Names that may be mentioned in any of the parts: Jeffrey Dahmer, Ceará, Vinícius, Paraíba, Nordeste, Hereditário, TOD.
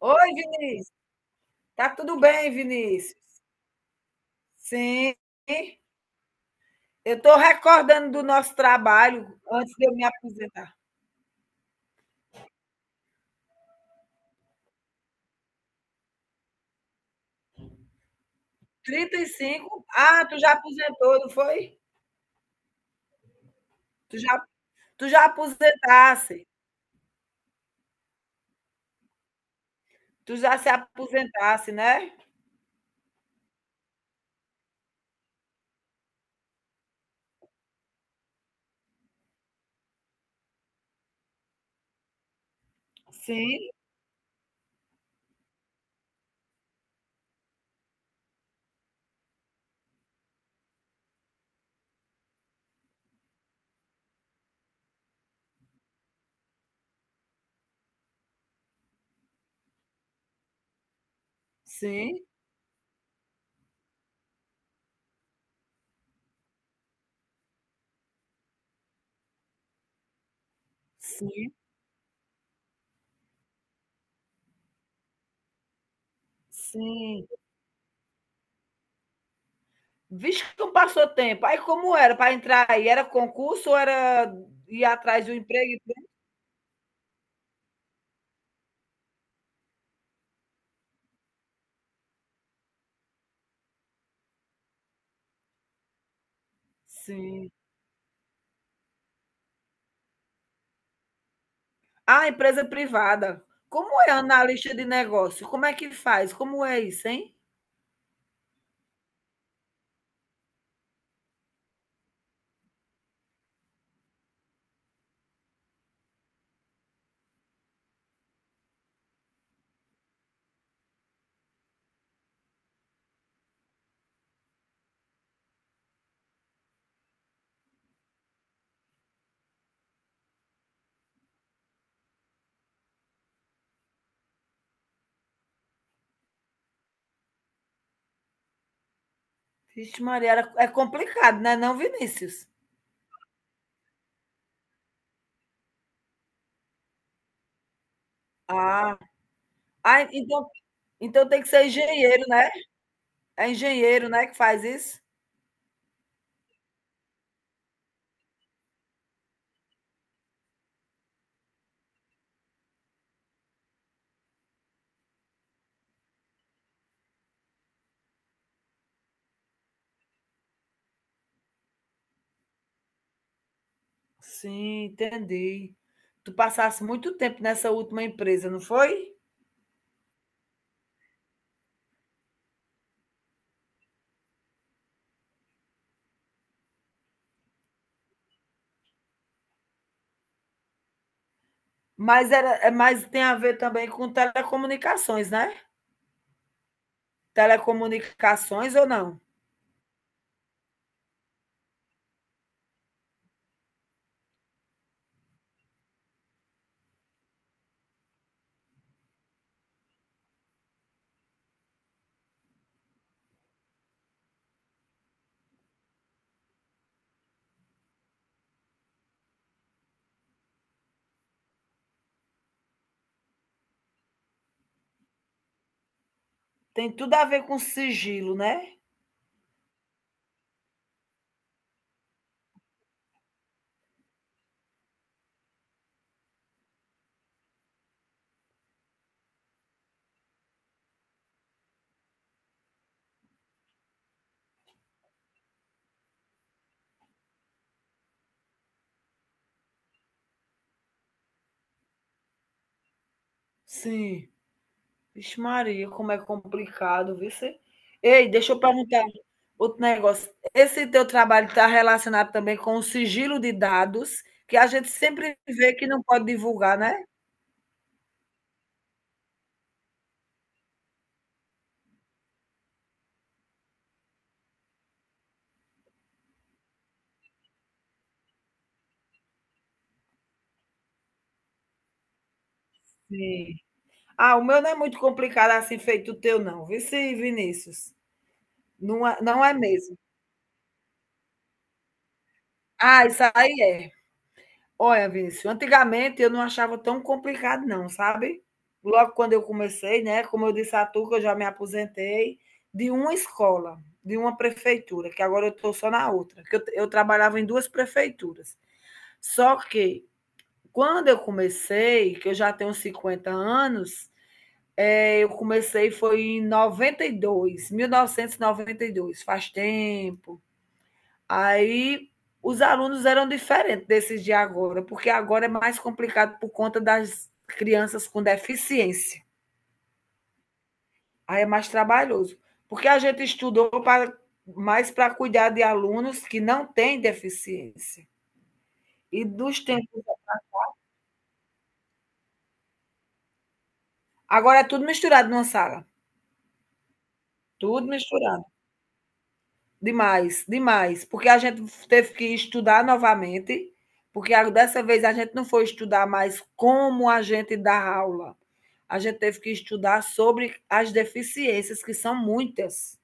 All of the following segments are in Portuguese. Oi, Vinícius. Tá tudo bem, Vinícius? Sim. Eu estou recordando do nosso trabalho antes de eu me aposentar. 35. Ah, tu já aposentou, não foi? Tu já, tu já aposentasse. Tu já se aposentasse, né? Sim, sim, sim, sim. Vixe, como passou tempo. Aí como era para entrar aí? Era concurso ou era ir atrás do emprego? Sim. Ah, empresa privada. Como é analista de negócio? Como é que faz? Como é isso, hein? Vixe Maria, era é complicado, né, não, Vinícius? Ah, ah, então tem que ser engenheiro, né? É engenheiro, né, que faz isso? Sim, entendi. Tu passasse muito tempo nessa última empresa, não foi? Mas era é mas tem a ver também com telecomunicações, né? Telecomunicações ou não? Tem tudo a ver com sigilo, né? Sim. Vixe Maria, como é complicado, viu? Cê? Ei, deixa eu perguntar outro negócio. Esse teu trabalho está relacionado também com o sigilo de dados, que a gente sempre vê que não pode divulgar, né? Sim. Ah, o meu não é muito complicado assim feito o teu, não. Viu, cê, Vinícius? Não é, não é mesmo. Ah, isso aí é. Olha, Vinícius, antigamente eu não achava tão complicado não, sabe. Logo quando eu comecei, né, como eu disse a tu que eu já me aposentei de uma escola, de uma prefeitura, que agora eu estou só na outra, que eu trabalhava em 2 prefeituras. Só que quando eu comecei, que eu já tenho 50 anos, eu comecei foi em noventa noventa e dois, 1992. Faz tempo. Aí os alunos eram diferentes desses de agora, porque agora é mais complicado por conta das crianças com deficiência. Aí é mais trabalhoso. Porque a gente estudou para, mais para cuidar de alunos que não têm deficiência. E dos tempos. Agora é tudo misturado numa sala. Tudo misturado. Demais, demais. Porque a gente teve que estudar novamente, porque dessa vez a gente não foi estudar mais como a gente dá aula. A gente teve que estudar sobre as deficiências, que são muitas.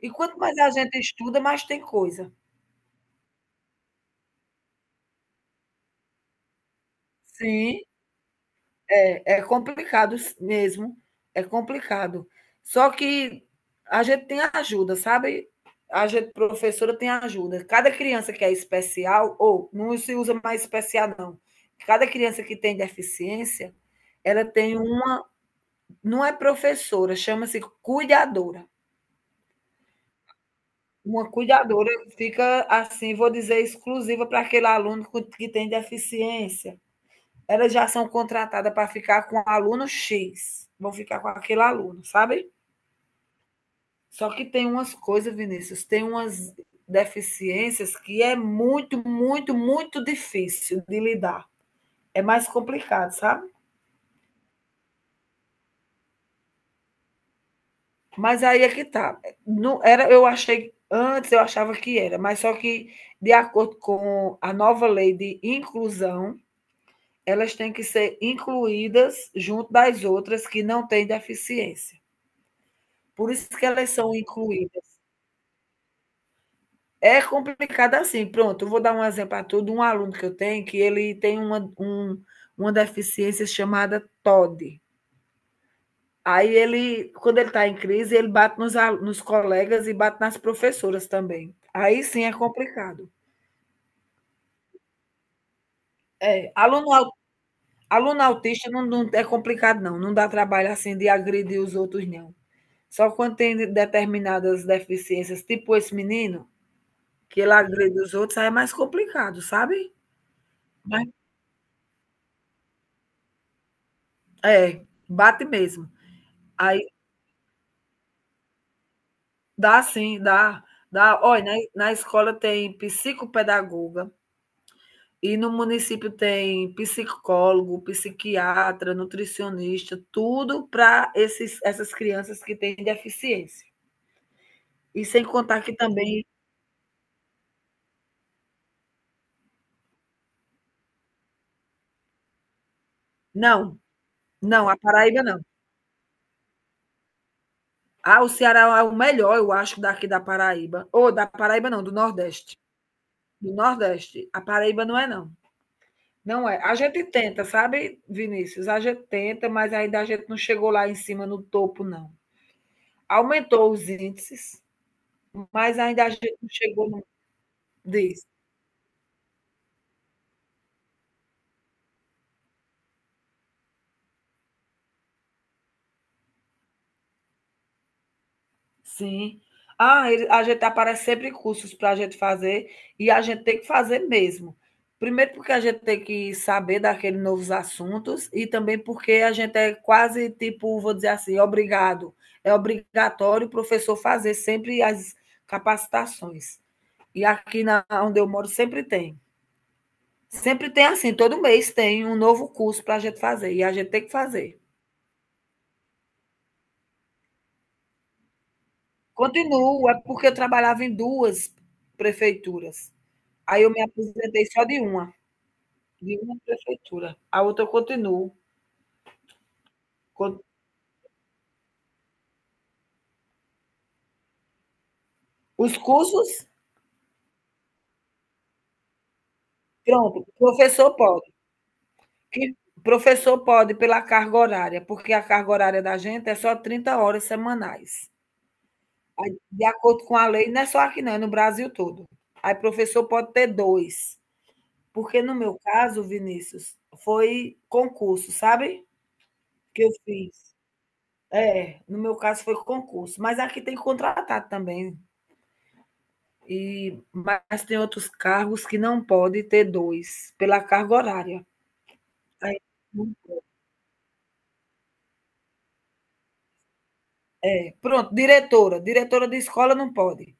E quanto mais a gente estuda, mais tem coisa. Sim. É, é complicado mesmo, é complicado. Só que a gente tem ajuda, sabe? A gente, professora, tem ajuda. Cada criança que é especial, ou não se usa mais especial, não. Cada criança que tem deficiência, ela tem uma. Não é professora, chama-se cuidadora. Uma cuidadora fica, assim, vou dizer, exclusiva para aquele que tem deficiência. Elas já são contratadas para ficar com aluno X, vão ficar com aquele aluno, sabe? Só que tem umas coisas, Vinícius, tem umas deficiências que é muito, muito, muito difícil de lidar. É mais complicado, sabe? Mas aí é que tá. Não era, eu achei antes eu achava que era, mas só que de acordo com a nova lei de inclusão, elas têm que ser incluídas junto das outras que não têm deficiência. Por isso que elas são incluídas. É complicado assim. Pronto, eu vou dar um exemplo a tudo. Um aluno que eu tenho, que ele tem uma deficiência chamada TOD. Aí ele, quando ele está em crise, ele bate nos colegas e bate nas professoras também. Aí sim é complicado. É, aluno autista não, não é complicado, não. Não dá trabalho assim de agredir os outros, não. Só quando tem determinadas deficiências, tipo esse menino, que ele agride os outros, aí é mais complicado, sabe? Mas, é, bate mesmo. Aí dá sim, dá. Olha, na escola tem psicopedagoga e no município tem psicólogo, psiquiatra, nutricionista, tudo para esses essas crianças que têm deficiência. E sem contar que também não, não, a Paraíba não. Ah, o Ceará é o melhor, eu acho, daqui da Paraíba. Ou da Paraíba não, do Nordeste. Do Nordeste. A Paraíba não é não. Não é. A gente tenta, sabe, Vinícius? A gente tenta, mas ainda a gente não chegou lá em cima no topo, não. Aumentou os índices, mas ainda a gente não chegou no. Diz, sim. A gente aparece sempre cursos para a gente fazer e a gente tem que fazer mesmo. Primeiro porque a gente tem que saber daqueles novos assuntos e também porque a gente é quase tipo, vou dizer assim, obrigado. É obrigatório o professor fazer sempre as capacitações. E aqui na, onde eu moro sempre tem. Sempre tem assim, todo mês tem um novo curso para a gente fazer. E a gente tem que fazer. Continuo, é porque eu trabalhava em duas prefeituras. Aí eu me aposentei só de uma prefeitura. A outra eu continuo. Os cursos, pronto, professor pode. Que professor pode pela carga horária, porque a carga horária da gente é só 30 horas semanais. Aí, de acordo com a lei, não é só aqui não, é no Brasil todo. Aí professor pode ter 2 porque no meu caso, Vinícius, foi concurso, sabe, que eu fiz. É, no meu caso foi concurso, mas aqui tem contratado também. E mas tem outros cargos que não pode ter 2 pela carga horária. Aí não tem. Pronto, diretora, diretora de escola não pode.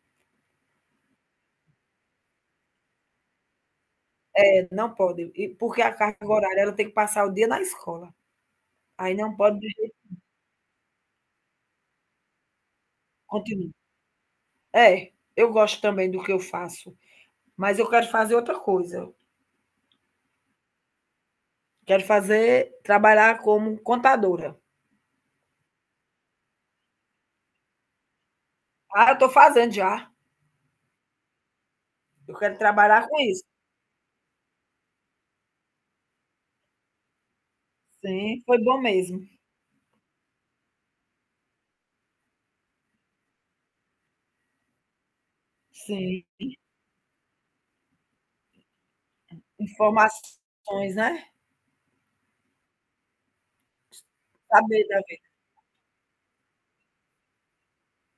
É, não pode, e porque a carga horária ela tem que passar o dia na escola. Aí não pode de jeito continua. É, eu gosto também do que eu faço, mas eu quero fazer outra coisa. Quero fazer, trabalhar como contadora. Ah, eu estou fazendo já. Eu quero trabalhar com isso. Sim, foi bom mesmo. Sim, informações, né? Saber da vida.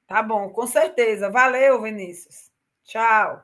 Tá bom, com certeza. Valeu, Vinícius. Tchau.